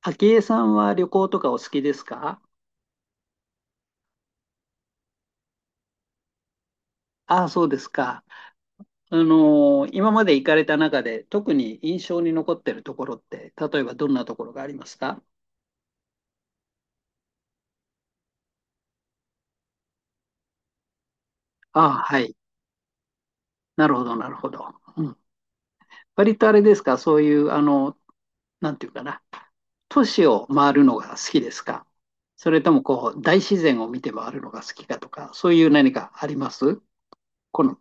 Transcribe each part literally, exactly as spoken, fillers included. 昭恵さんは旅行とかお好きですか？ああ、そうですか。あのー今まで行かれた中で特に印象に残ってるところって、例えばどんなところがありますか？ああ、はい。なるほど、なるほど。うん。割とあれですか、そういう、あの、なんていうかな、都市を回るのが好きですか？それともこう、大自然を見て回るのが好きかとか、そういう何かあります？好み。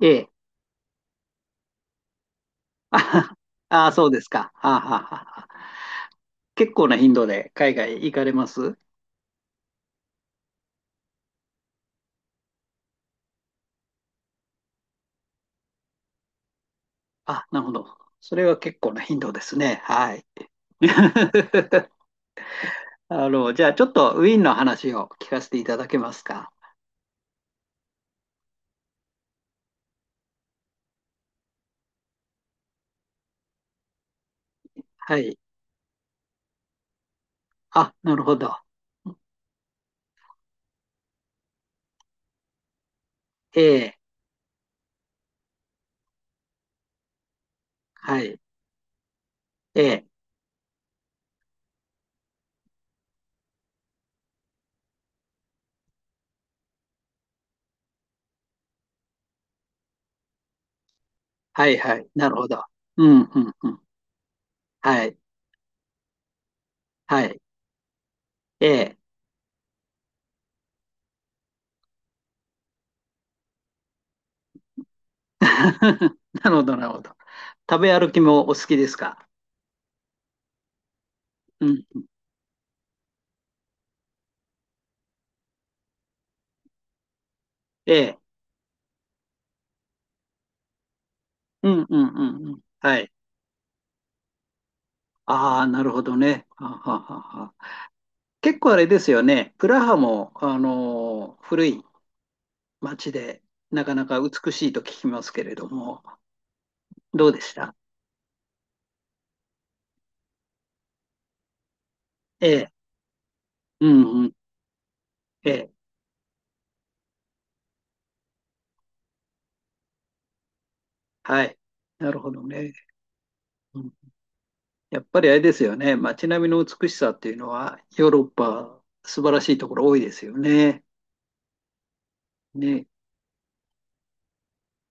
ええ。あははあ あ、そうですか。はあはあはあはあ。結構な頻度で海外行かれます？あ、なるほど。それは結構な頻度ですね。はい。あの、じゃあちょっとウィーンの話を聞かせていただけますか。はい。あ、なるほど。ええ、はい。ええ、はい、はい。なるほど。うん、うん、うん。はい、はい。ええ。なるほど、なるほど。食べ歩きもお好きですか。うん。ええ。うん、うん、うん。うん、はい。ああ、なるほどね。はははは。結構あれですよね。プラハも、あのー古い街で、なかなか美しいと聞きますけれども、どうでした？ええ、うんうん、ええ、はい。なるほどね。うん。やっぱりあれですよね。街並みの美しさっていうのは、ヨーロッパ、素晴らしいところ多いですよね。ね。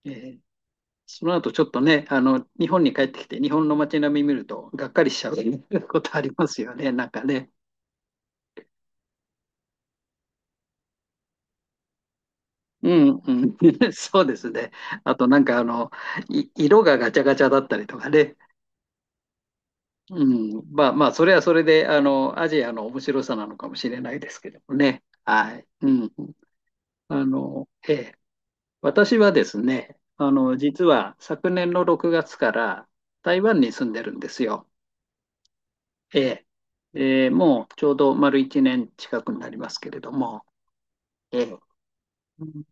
ええ。その後ちょっとね、あの、日本に帰ってきて、日本の街並み見ると、がっかりしちゃう ことありますよね、なんかね。うんうん、そうですね。あとなんかあの、い色がガチャガチャだったりとかね、うん、まあまあ、それはそれで、あの、アジアの面白さなのかもしれないですけどもね。はい。うん。あの、ええ。私はですね、あの、実は昨年のろくがつから台湾に住んでるんですよ。ええ。えーもうちょうど丸いちねん近くになりますけれども。ええ。うん。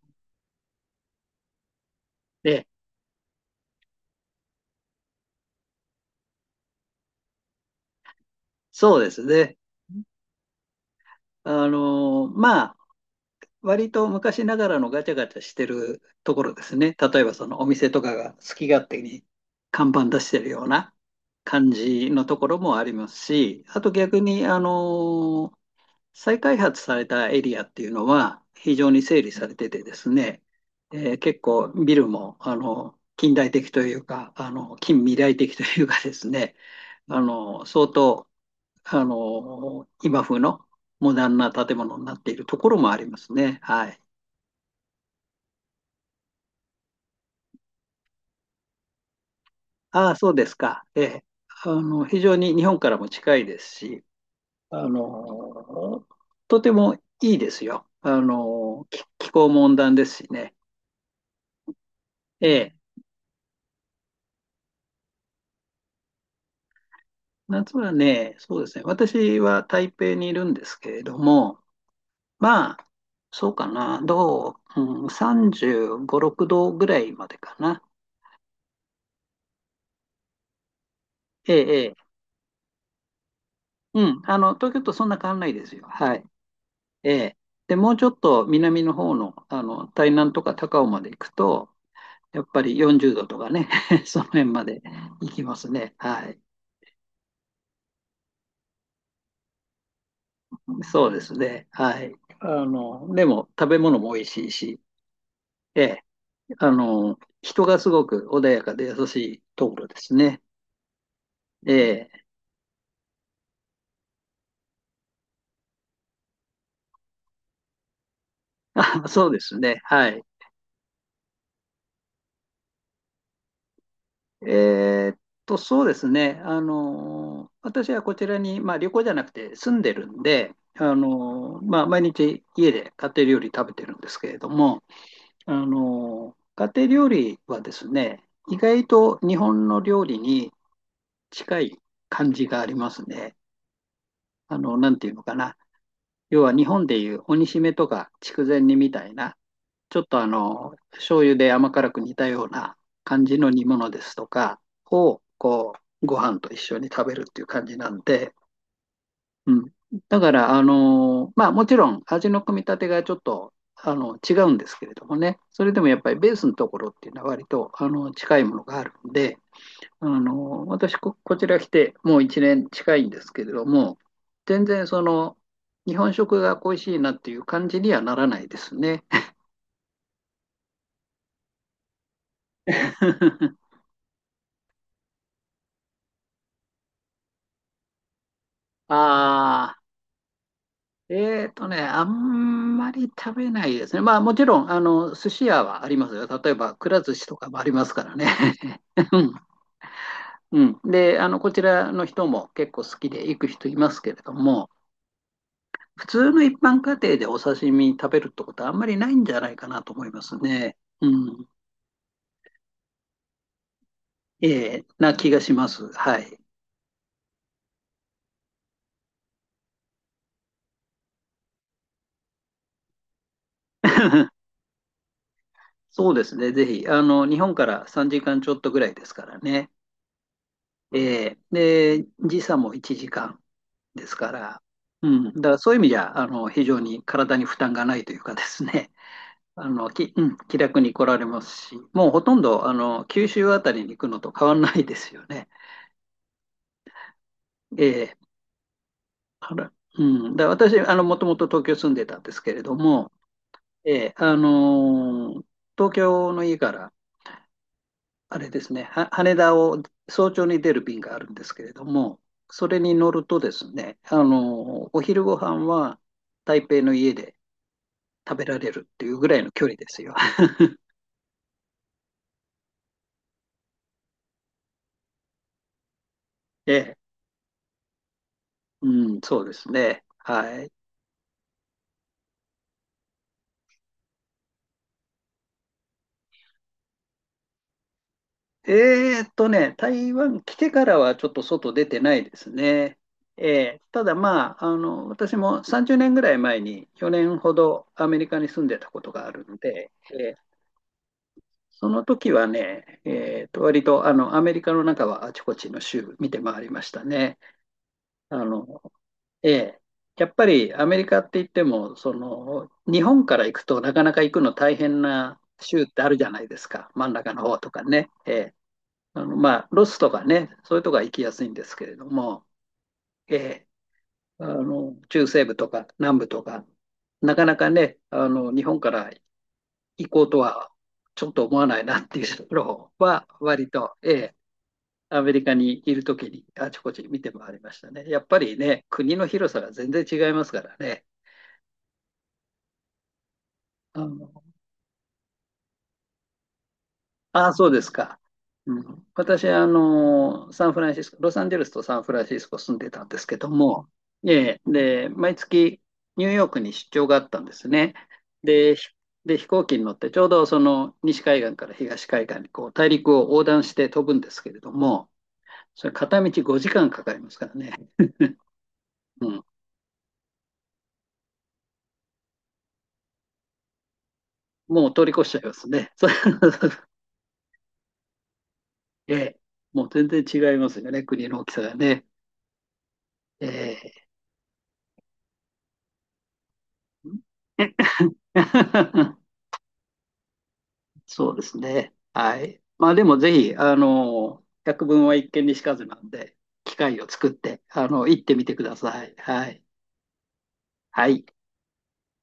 ええ、そうですね。あの、ま割と昔ながらのガチャガチャしてるところですね。例えばそのお店とかが好き勝手に看板出してるような感じのところもありますし、あと逆に、あのー再開発されたエリアっていうのは非常に整理されててですね、えー結構ビルも、あの、近代的というか、あの、近未来的というかですね、あの、相当、あの、今風のモダンな建物になっているところもありますね。はい。ああ、そうですか。ええ。あの、非常に日本からも近いですし、あの、とてもいいですよ。あの、気、気候も温暖ですしね。ええ。夏はね、そうですね。私は台北にいるんですけれども、まあ、そうかな。どう、うん、さんじゅうご、ろくどぐらいまでかな。ええ、ええ。うん。あの、東京とそんな変わんないですよ。はい。ええ。で、もうちょっと南の方の、あの、台南とか高雄まで行くと、やっぱりよんじゅうどとかね、その辺まで行きますね。はい。そうですね。はい。あの、でも食べ物も美味しいし、ええ。あの、人がすごく穏やかで優しいところですね。ええ。あ、そうですね。はい。えーっと、そうですね。あの、私はこちらに、まあ旅行じゃなくて住んでるんで、あの、まあ毎日家で家庭料理食べてるんですけれども、あの、家庭料理はですね、意外と日本の料理に近い感じがありますね。あの、なんていうのかな。要は日本でいう鬼しめとか筑前煮みたいな、ちょっとあの、醤油で甘辛く煮たような感じの煮物ですとかを、こう、ご飯と一緒に食べるっていう感じなんで、うん。だから、あのーまあもちろん味の組み立てがちょっと、あの、違うんですけれどもね、それでもやっぱりベースのところっていうのは割と、あの、近いものがあるんで、あのー私こ、こちら来てもういちねん近いんですけれども、全然その、日本食が恋しいなっていう感じにはならないですね。ああ、えーとね、あんまり食べないですね。まあもちろん、あの、寿司屋はありますよ。例えば、くら寿司とかもありますからね。うん、であのこちらの人も結構好きで行く人いますけれども、普通の一般家庭でお刺身食べるってことはあんまりないんじゃないかなと思いますね。うん、えーな気がします。はい。そうですね、ぜひ、あの、日本からさんじかんちょっとぐらいですからね。えーで、時差もいちじかんですから、うん、だからそういう意味じゃ、あの、非常に体に負担がないというかですね。あの、き、うん、気楽に来られますし、もうほとんど、あの、九州あたりに行くのと変わらないですよね。ええ、あら、うん。だ私、あの、もともと東京住んでたんですけれども、ええ、あのー東京の家から、あれですね、は羽田を早朝に出る便があるんですけれども、それに乗るとですね、あのーお昼ご飯は台北の家で食べられるっていうぐらいの距離ですよ。ええ、うん、そうですね。はい。えーっとね、台湾来てからはちょっと外出てないですね。えーただまあ、あの、私もさんじゅうねんぐらい前に去年ほどアメリカに住んでたことがあるので、えーその時はね、えーと、割とあのアメリカの中はあちこちの州見て回りましたね。あの、えーやっぱりアメリカって言っても、その、日本から行くとなかなか行くの大変な州ってあるじゃないですか。真ん中の方とかね。えーあの、まあ、ロスとかね、そういうとこは行きやすいんですけれども、えーあの、中西部とか南部とか、なかなかね、あの、日本から行こうとはちょっと思わないなっていうところは、割と、えーアメリカにいるときにあちこち見て回りましたね。やっぱりね、国の広さが全然違いますからね。あのああ、そうですか。うん、私はあの、サンフランシスコ、ロサンゼルスとサンフランシスコ住んでたんですけども、ええ、で、毎月ニューヨークに出張があったんですね。で、ひで、飛行機に乗ってちょうどその西海岸から東海岸にこう大陸を横断して飛ぶんですけれども、それ片道ごじかんかかりますからね。うん、もう通り越しちゃいますね。そう ええ、もう全然違いますよね、国の大きさがね。ええ そうですね。はい。まあでもぜひ、あの、百聞は一見にしかずなんで、機会を作って、あの、行ってみてください。はい。はい。